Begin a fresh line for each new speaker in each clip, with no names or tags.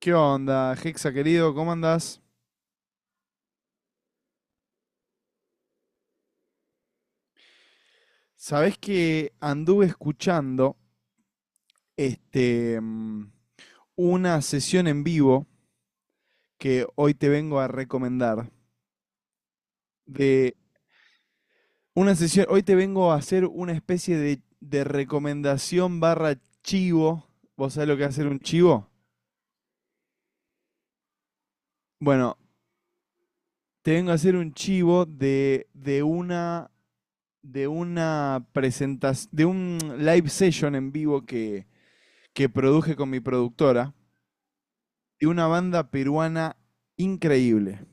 ¿Qué onda, Hexa querido? ¿Cómo andás? Sabés que anduve escuchando este, mm, una sesión en vivo que hoy te vengo a recomendar. De una sesión, hoy te vengo a hacer una especie de recomendación barra chivo. ¿Vos sabés lo que es hacer un chivo? Bueno, te vengo a hacer un chivo de una presentación, de un live session en vivo que produje con mi productora de una banda peruana increíble.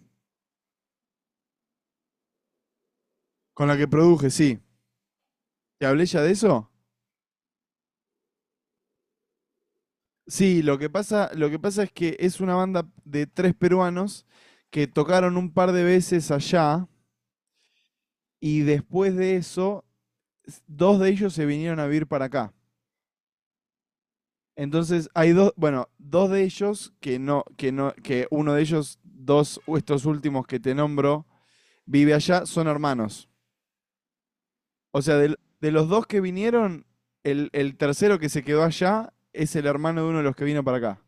Con la que produje, sí. ¿Te hablé ya de eso? Sí, lo que pasa es que es una banda de tres peruanos que tocaron un par de veces allá y después de eso, dos de ellos se vinieron a vivir para acá. Entonces hay dos, bueno, dos de ellos que no, que uno de ellos, dos, estos últimos que te nombro, vive allá, son hermanos. O sea, de los dos que vinieron, el tercero que se quedó allá es el hermano de uno de los que vino para acá.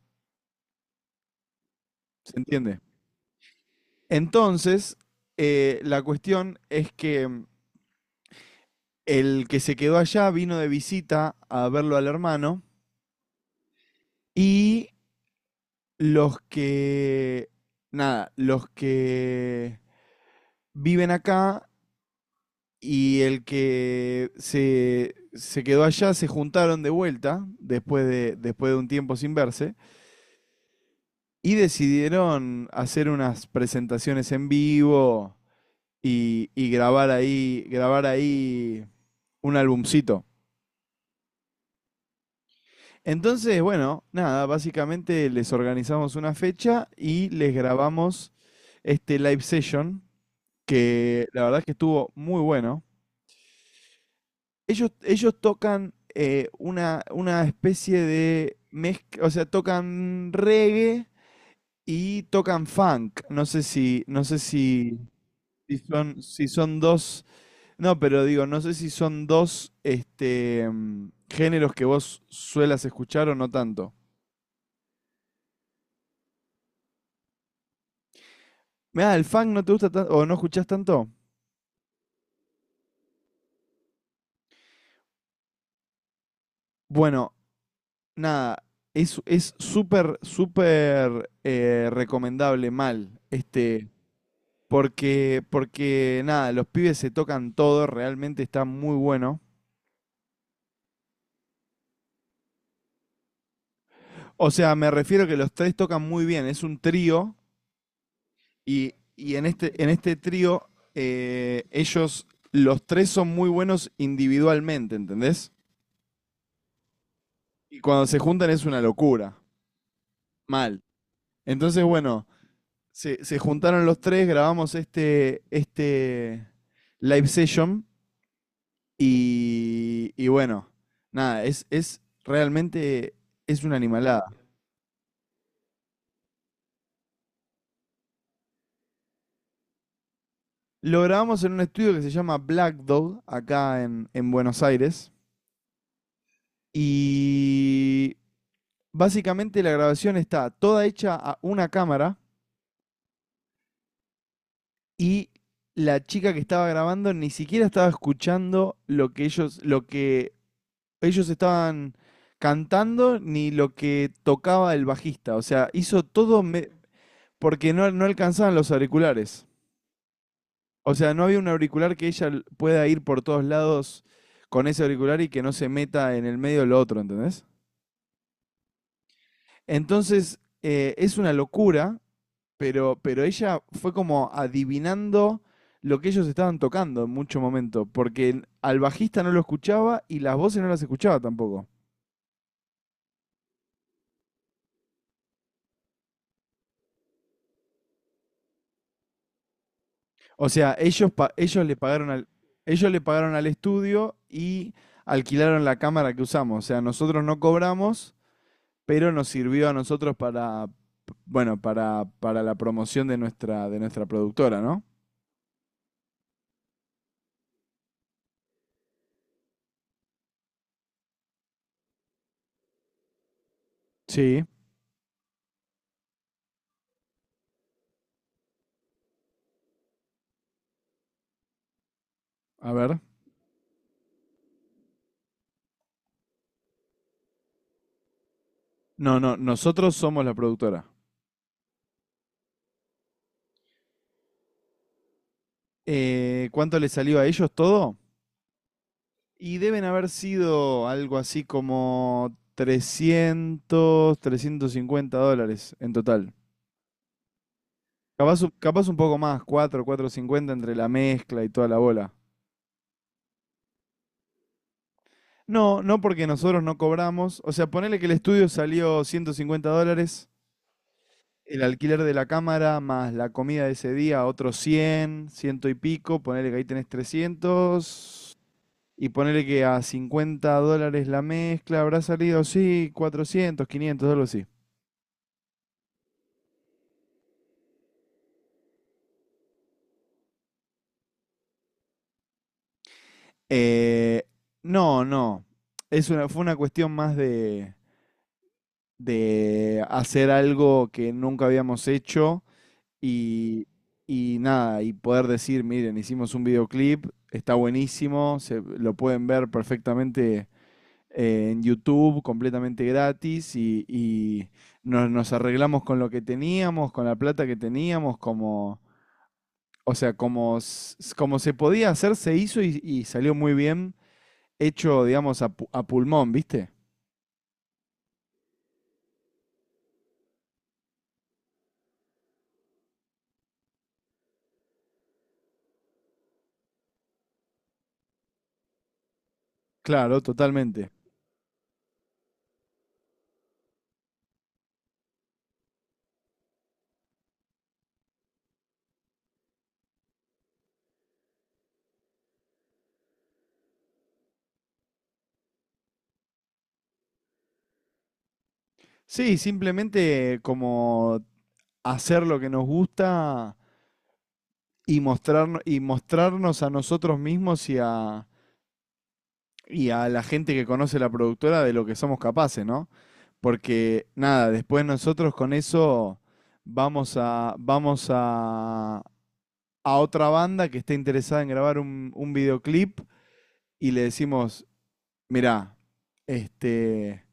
¿Se entiende? Entonces, la cuestión es que el que se quedó allá vino de visita a verlo al hermano y los que, nada, los que viven acá y el que se quedó allá se juntaron de vuelta después de un tiempo sin verse. Y decidieron hacer unas presentaciones en vivo y grabar ahí un albumcito. Entonces, bueno, nada, básicamente les organizamos una fecha y les grabamos este live session, que la verdad es que estuvo muy bueno. Ellos tocan una especie de mezcla, o sea, tocan reggae y tocan funk. No sé si, si son dos, no, pero digo, no sé si son dos géneros que vos suelas escuchar o no tanto. Mirá, el funk no te gusta tanto o no escuchás tanto. Bueno, nada, es súper, súper recomendable mal, porque nada, los pibes se tocan todo, realmente está muy bueno. O sea, me refiero que los tres tocan muy bien, es un trío. Y en este trío, ellos, los tres son muy buenos individualmente, ¿entendés? Y cuando se juntan es una locura. Mal. Entonces, bueno, se juntaron los tres, grabamos este live session y bueno, nada, es realmente es una animalada. Lo grabamos en un estudio que se llama Black Dog, acá en Buenos Aires. Y básicamente la grabación está toda hecha a una cámara y la chica que estaba grabando ni siquiera estaba escuchando lo que ellos estaban cantando ni lo que tocaba el bajista. O sea, hizo todo porque no alcanzaban los auriculares. O sea, no había un auricular que ella pueda ir por todos lados con ese auricular y que no se meta en el medio de lo otro, ¿entendés? Entonces, es una locura pero ella fue como adivinando lo que ellos estaban tocando en mucho momento, porque al bajista no lo escuchaba y las voces no las escuchaba tampoco. O sea, ellos le pagaron al estudio y alquilaron la cámara que usamos. O sea, nosotros no cobramos, pero nos sirvió a nosotros para, bueno, para la promoción de nuestra productora, ¿no? Sí, a ver. No, no, nosotros somos la productora. ¿Cuánto le salió a ellos todo? Y deben haber sido algo así como 300, $350 en total. Capaz, capaz un poco más, cuatro, 450 entre la mezcla y toda la bola. No, no porque nosotros no cobramos. O sea, ponele que el estudio salió $150, el alquiler de la cámara más la comida de ese día, otros 100, ciento y pico. Ponele que ahí tenés 300. Y ponele que a $50 la mezcla habrá salido, sí, 400, 500 algo así. Eh, no, no. Fue una cuestión más de hacer algo que nunca habíamos hecho y, y nada, y poder decir, miren, hicimos un videoclip, está buenísimo, lo pueden ver perfectamente en YouTube, completamente gratis, y nos arreglamos con lo que teníamos, con la plata que teníamos, como, o sea, como se podía hacer, se hizo y salió muy bien hecho, digamos, a pulmón, ¿viste? Claro, totalmente. Sí, simplemente como hacer lo que nos gusta y mostrarnos a nosotros mismos y a la gente que conoce la productora de lo que somos capaces, ¿no? Porque nada, después nosotros con eso vamos a otra banda que esté interesada en grabar un videoclip y le decimos, mirá, este,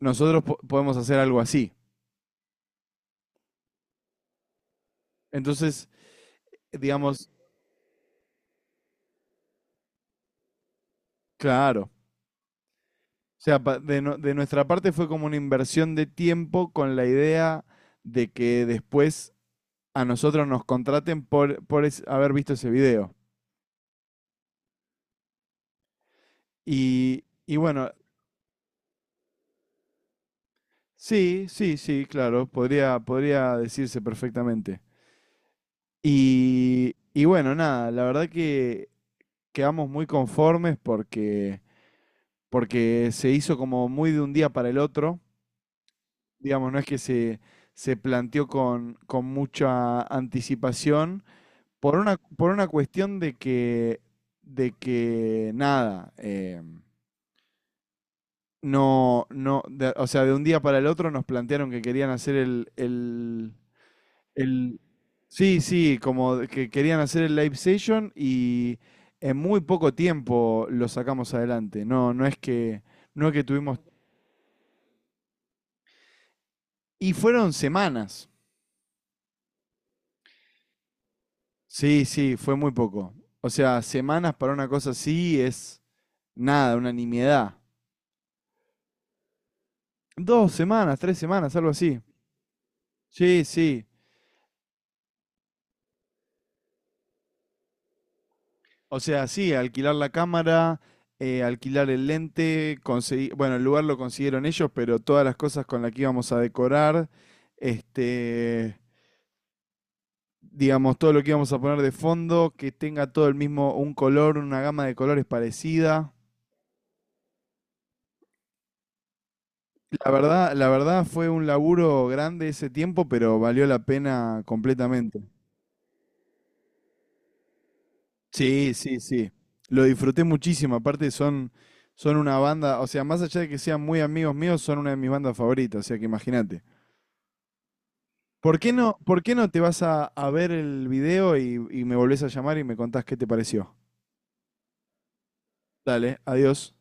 nosotros podemos hacer algo así. Entonces, digamos, claro. O sea, pa- de, no- de nuestra parte fue como una inversión de tiempo con la idea de que después a nosotros nos contraten por haber visto ese video. Y bueno, sí, sí, sí, claro, podría decirse perfectamente. Y bueno, nada, la verdad que quedamos muy conformes porque, se hizo como muy de un día para el otro. Digamos, no es que se planteó con mucha anticipación por una cuestión de que nada, no, no, o sea, de un día para el otro nos plantearon que querían hacer el- sí, sí, como de que querían hacer el live session y en muy poco tiempo lo sacamos adelante. No, no es que tuvimos, y fueron semanas. Sí, sí, fue muy poco. O sea, semanas para una cosa así es nada, una nimiedad. 2 semanas, 3 semanas, algo así. Sí, sí. O sea, sí, alquilar la cámara, alquilar el lente, conseguir, bueno, el lugar lo consiguieron ellos, pero todas las cosas con las que íbamos a decorar, este, digamos, todo lo que íbamos a poner de fondo, que tenga todo el mismo, un color, una gama de colores parecida. La verdad, fue un laburo grande ese tiempo, pero valió la pena completamente. Sí, sí, sí. Lo disfruté muchísimo. Aparte son una banda, o sea, más allá de que sean muy amigos míos, son una de mis bandas favoritas, o sea que imagínate. ¿Por qué no te vas a ver el video y me volvés a llamar y me contás qué te pareció? Dale, adiós.